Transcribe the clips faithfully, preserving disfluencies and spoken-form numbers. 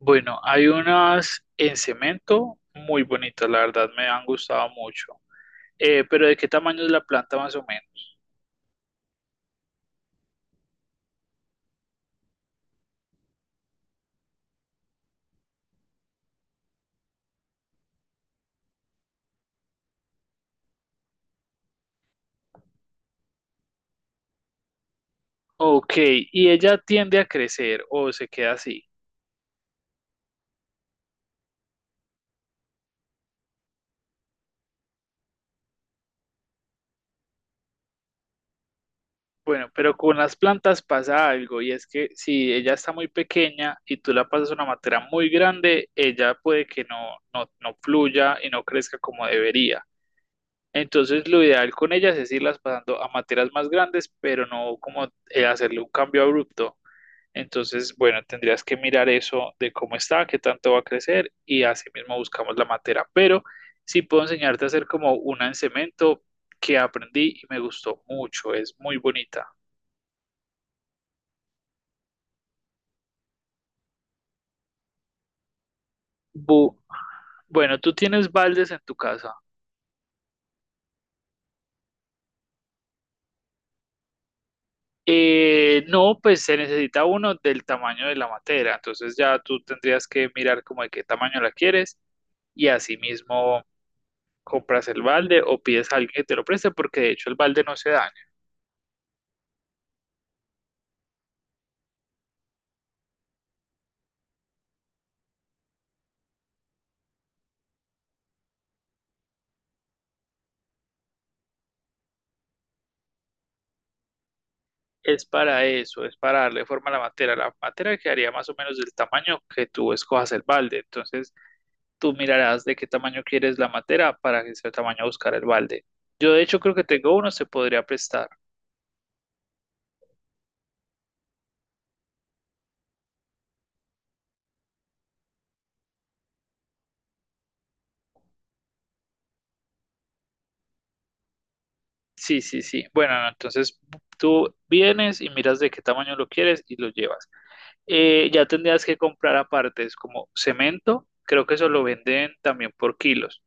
Bueno, hay unas en cemento muy bonitas, la verdad me han gustado mucho. Eh, pero ¿de qué tamaño es la planta más o menos? Ok, y ella tiende a crecer o se queda así. Bueno, pero con las plantas pasa algo y es que si ella está muy pequeña y tú la pasas a una materia muy grande, ella puede que no, no, no fluya y no crezca como debería. Entonces lo ideal con ellas es irlas pasando a materias más grandes, pero no como eh, hacerle un cambio abrupto. Entonces, bueno, tendrías que mirar eso de cómo está, qué tanto va a crecer y así mismo buscamos la materia. Pero sí puedo enseñarte a hacer como una en cemento que aprendí y me gustó mucho, es muy bonita. Bu- bueno, tú tienes baldes en tu casa. Eh, no, pues se necesita uno del tamaño de la materia, entonces ya tú tendrías que mirar como de qué tamaño la quieres y así mismo compras el balde o pides a alguien que te lo preste porque de hecho el balde no se daña. Es para eso, es para darle forma a la materia. La materia quedaría más o menos del tamaño que tú escojas el balde. Entonces, tú mirarás de qué tamaño quieres la materia para que sea tamaño buscar el balde. Yo, de hecho, creo que tengo uno, se podría prestar. Sí, sí, sí. Bueno, no, entonces tú vienes y miras de qué tamaño lo quieres y lo llevas. Eh, ya tendrías que comprar aparte, es como cemento, creo que eso lo venden también por kilos.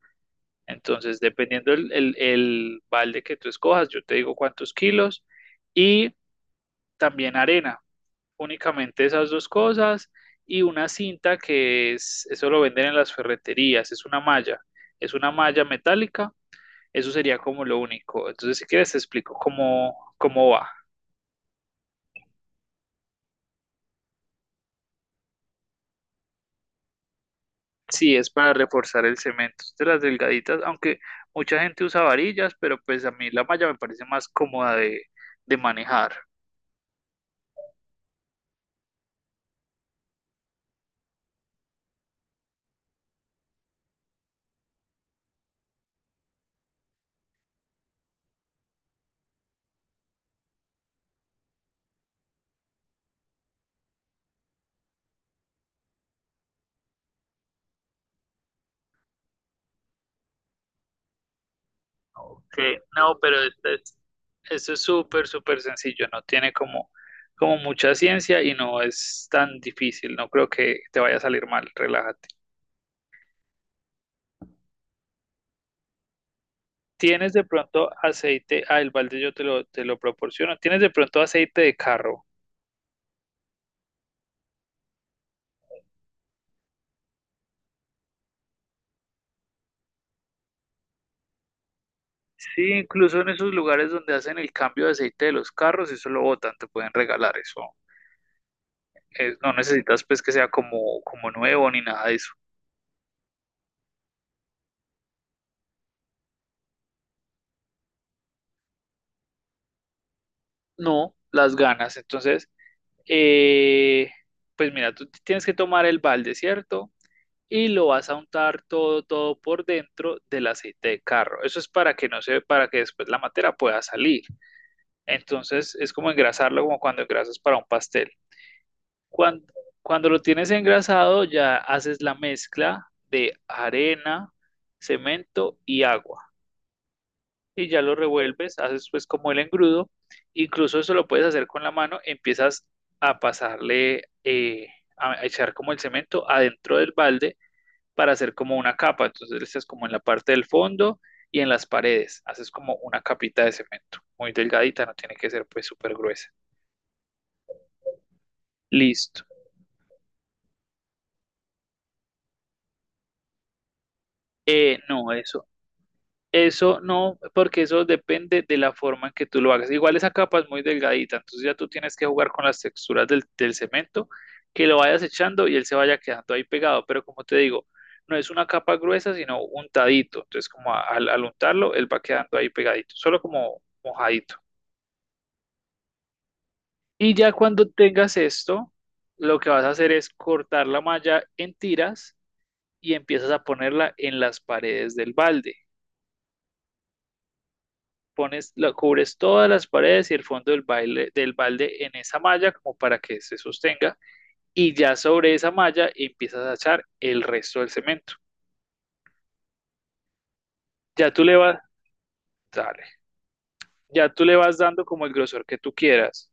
Entonces, dependiendo el, el, el balde que tú escojas, yo te digo cuántos kilos y también arena, únicamente esas dos cosas y una cinta que es, eso lo venden en las ferreterías, es una malla, es una malla metálica, eso sería como lo único. Entonces, si quieres, te explico cómo, cómo va. Sí, es para reforzar el cemento. Es de las delgaditas, aunque mucha gente usa varillas, pero pues a mí la malla me parece más cómoda de, de manejar. Que no, pero es- es- eso es súper, súper sencillo, no tiene como, como mucha ciencia y no es tan difícil, no creo que te vaya a salir mal, relájate. ¿Tienes de pronto aceite? Ah, el balde yo te lo, te lo proporciono. ¿Tienes de pronto aceite de carro? Sí, incluso en esos lugares donde hacen el cambio de aceite de los carros, eso lo botan, te pueden regalar eso. Eh, no necesitas pues que sea como, como nuevo ni nada de eso. No, las ganas. Entonces, Eh, pues mira, tú tienes que tomar el balde, ¿cierto? Y lo vas a untar todo, todo por dentro del aceite de carro. Eso es para que no se, para que después la materia pueda salir. Entonces es como engrasarlo como cuando engrasas para un pastel. Cuando, cuando lo tienes engrasado, ya haces la mezcla de arena, cemento y agua y ya lo revuelves, haces pues como el engrudo, incluso eso lo puedes hacer con la mano, empiezas a pasarle, eh, a a echar como el cemento adentro del balde para hacer como una capa, entonces le echas como en la parte del fondo y en las paredes, haces como una capita de cemento, muy delgadita, no tiene que ser pues súper gruesa. Listo. Eh, no, eso, Eso no, porque eso depende de la forma en que tú lo hagas. Igual esa capa es muy delgadita, entonces ya tú tienes que jugar con las texturas del, del cemento, que lo vayas echando y él se vaya quedando ahí pegado. Pero como te digo, no es una capa gruesa, sino untadito. Entonces, como a- al, al untarlo, él va quedando ahí pegadito, solo como mojadito. Y ya cuando tengas esto, lo que vas a hacer es cortar la malla en tiras y empiezas a ponerla en las paredes del balde. Pones, la, cubres todas las paredes y el fondo del, baile, del balde en esa malla como para que se sostenga y ya sobre esa malla empiezas a echar el resto del cemento. Ya tú le vas, dale, ya tú le vas dando como el grosor que tú quieras.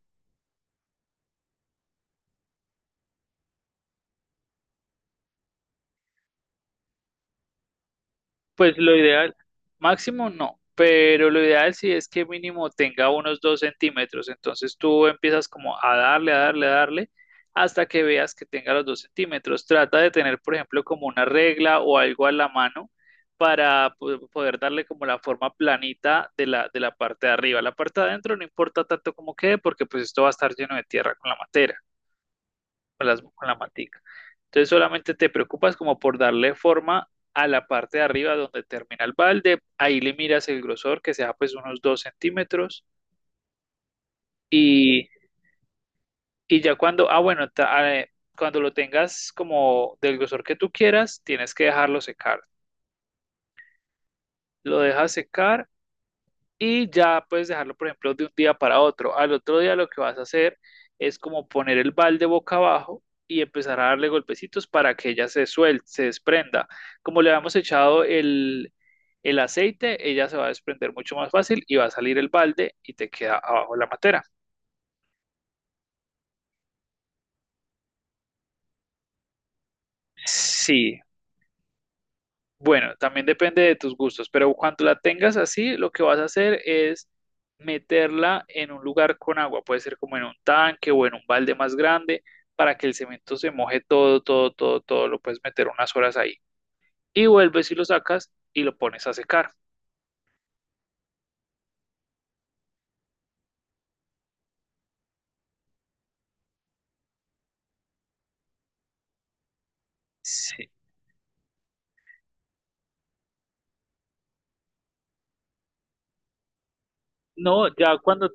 Pues lo ideal, máximo no, pero lo ideal sí es que mínimo tenga unos dos centímetros. Entonces tú empiezas como a darle, a darle, a darle, hasta que veas que tenga los dos centímetros. Trata de tener, por ejemplo, como una regla o algo a la mano para po- poder darle como la forma planita de la, de la parte de arriba. La parte de adentro no importa tanto como quede, porque pues esto va a estar lleno de tierra con la materia con las, con la matica. Entonces solamente te preocupas como por darle forma a la parte de arriba donde termina el balde, ahí le miras el grosor que sea pues unos dos centímetros y, y ya cuando, ah bueno, ta- ah, eh, cuando lo tengas como del grosor que tú quieras, tienes que dejarlo secar. Lo dejas secar y ya puedes dejarlo, por ejemplo, de un día para otro. Al otro día lo que vas a hacer es como poner el balde boca abajo y empezar a darle golpecitos para que ella se suelte, se desprenda. Como le habíamos echado el, el aceite, ella se va a desprender mucho más fácil y va a salir el balde y te queda abajo la matera. Sí, bueno, también depende de tus gustos, pero cuando la tengas así, lo que vas a hacer es meterla en un lugar con agua, puede ser como en un tanque o en un balde más grande, para que el cemento se moje todo, todo, todo, todo, lo puedes meter unas horas ahí. Y vuelves y lo sacas y lo pones a secar. Sí. No, ya cuando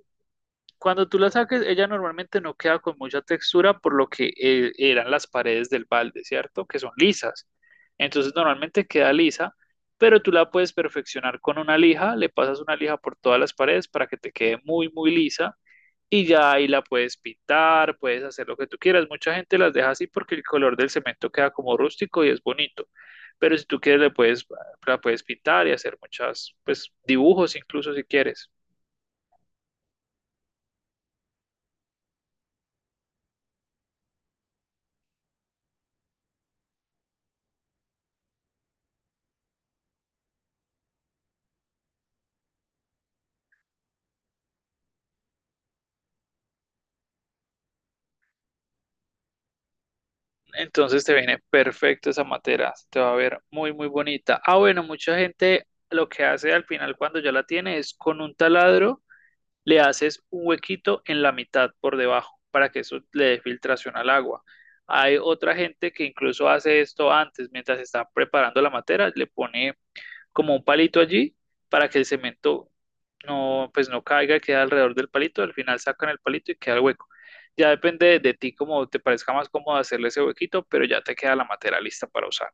cuando tú la saques, ella normalmente no queda con mucha textura por lo que eh, eran las paredes del balde, ¿cierto? Que son lisas. Entonces normalmente queda lisa, pero tú la puedes perfeccionar con una lija, le pasas una lija por todas las paredes para que te quede muy, muy lisa y ya ahí la puedes pintar, puedes hacer lo que tú quieras. Mucha gente las deja así porque el color del cemento queda como rústico y es bonito, pero si tú quieres le puedes, la puedes pintar y hacer muchas, pues dibujos incluso si quieres. Entonces te viene perfecto esa materia, te va a ver muy, muy bonita. Ah, bueno, mucha gente lo que hace al final cuando ya la tiene es con un taladro le haces un huequito en la mitad por debajo para que eso le dé filtración al agua. Hay otra gente que incluso hace esto antes, mientras está preparando la materia, le pone como un palito allí para que el cemento no, pues no caiga, queda alrededor del palito, al final sacan el palito y queda el hueco. Ya depende de, ti como te parezca más cómodo hacerle ese huequito, pero ya te queda la materia lista para usar.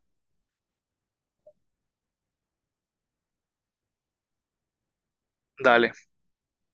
Dale.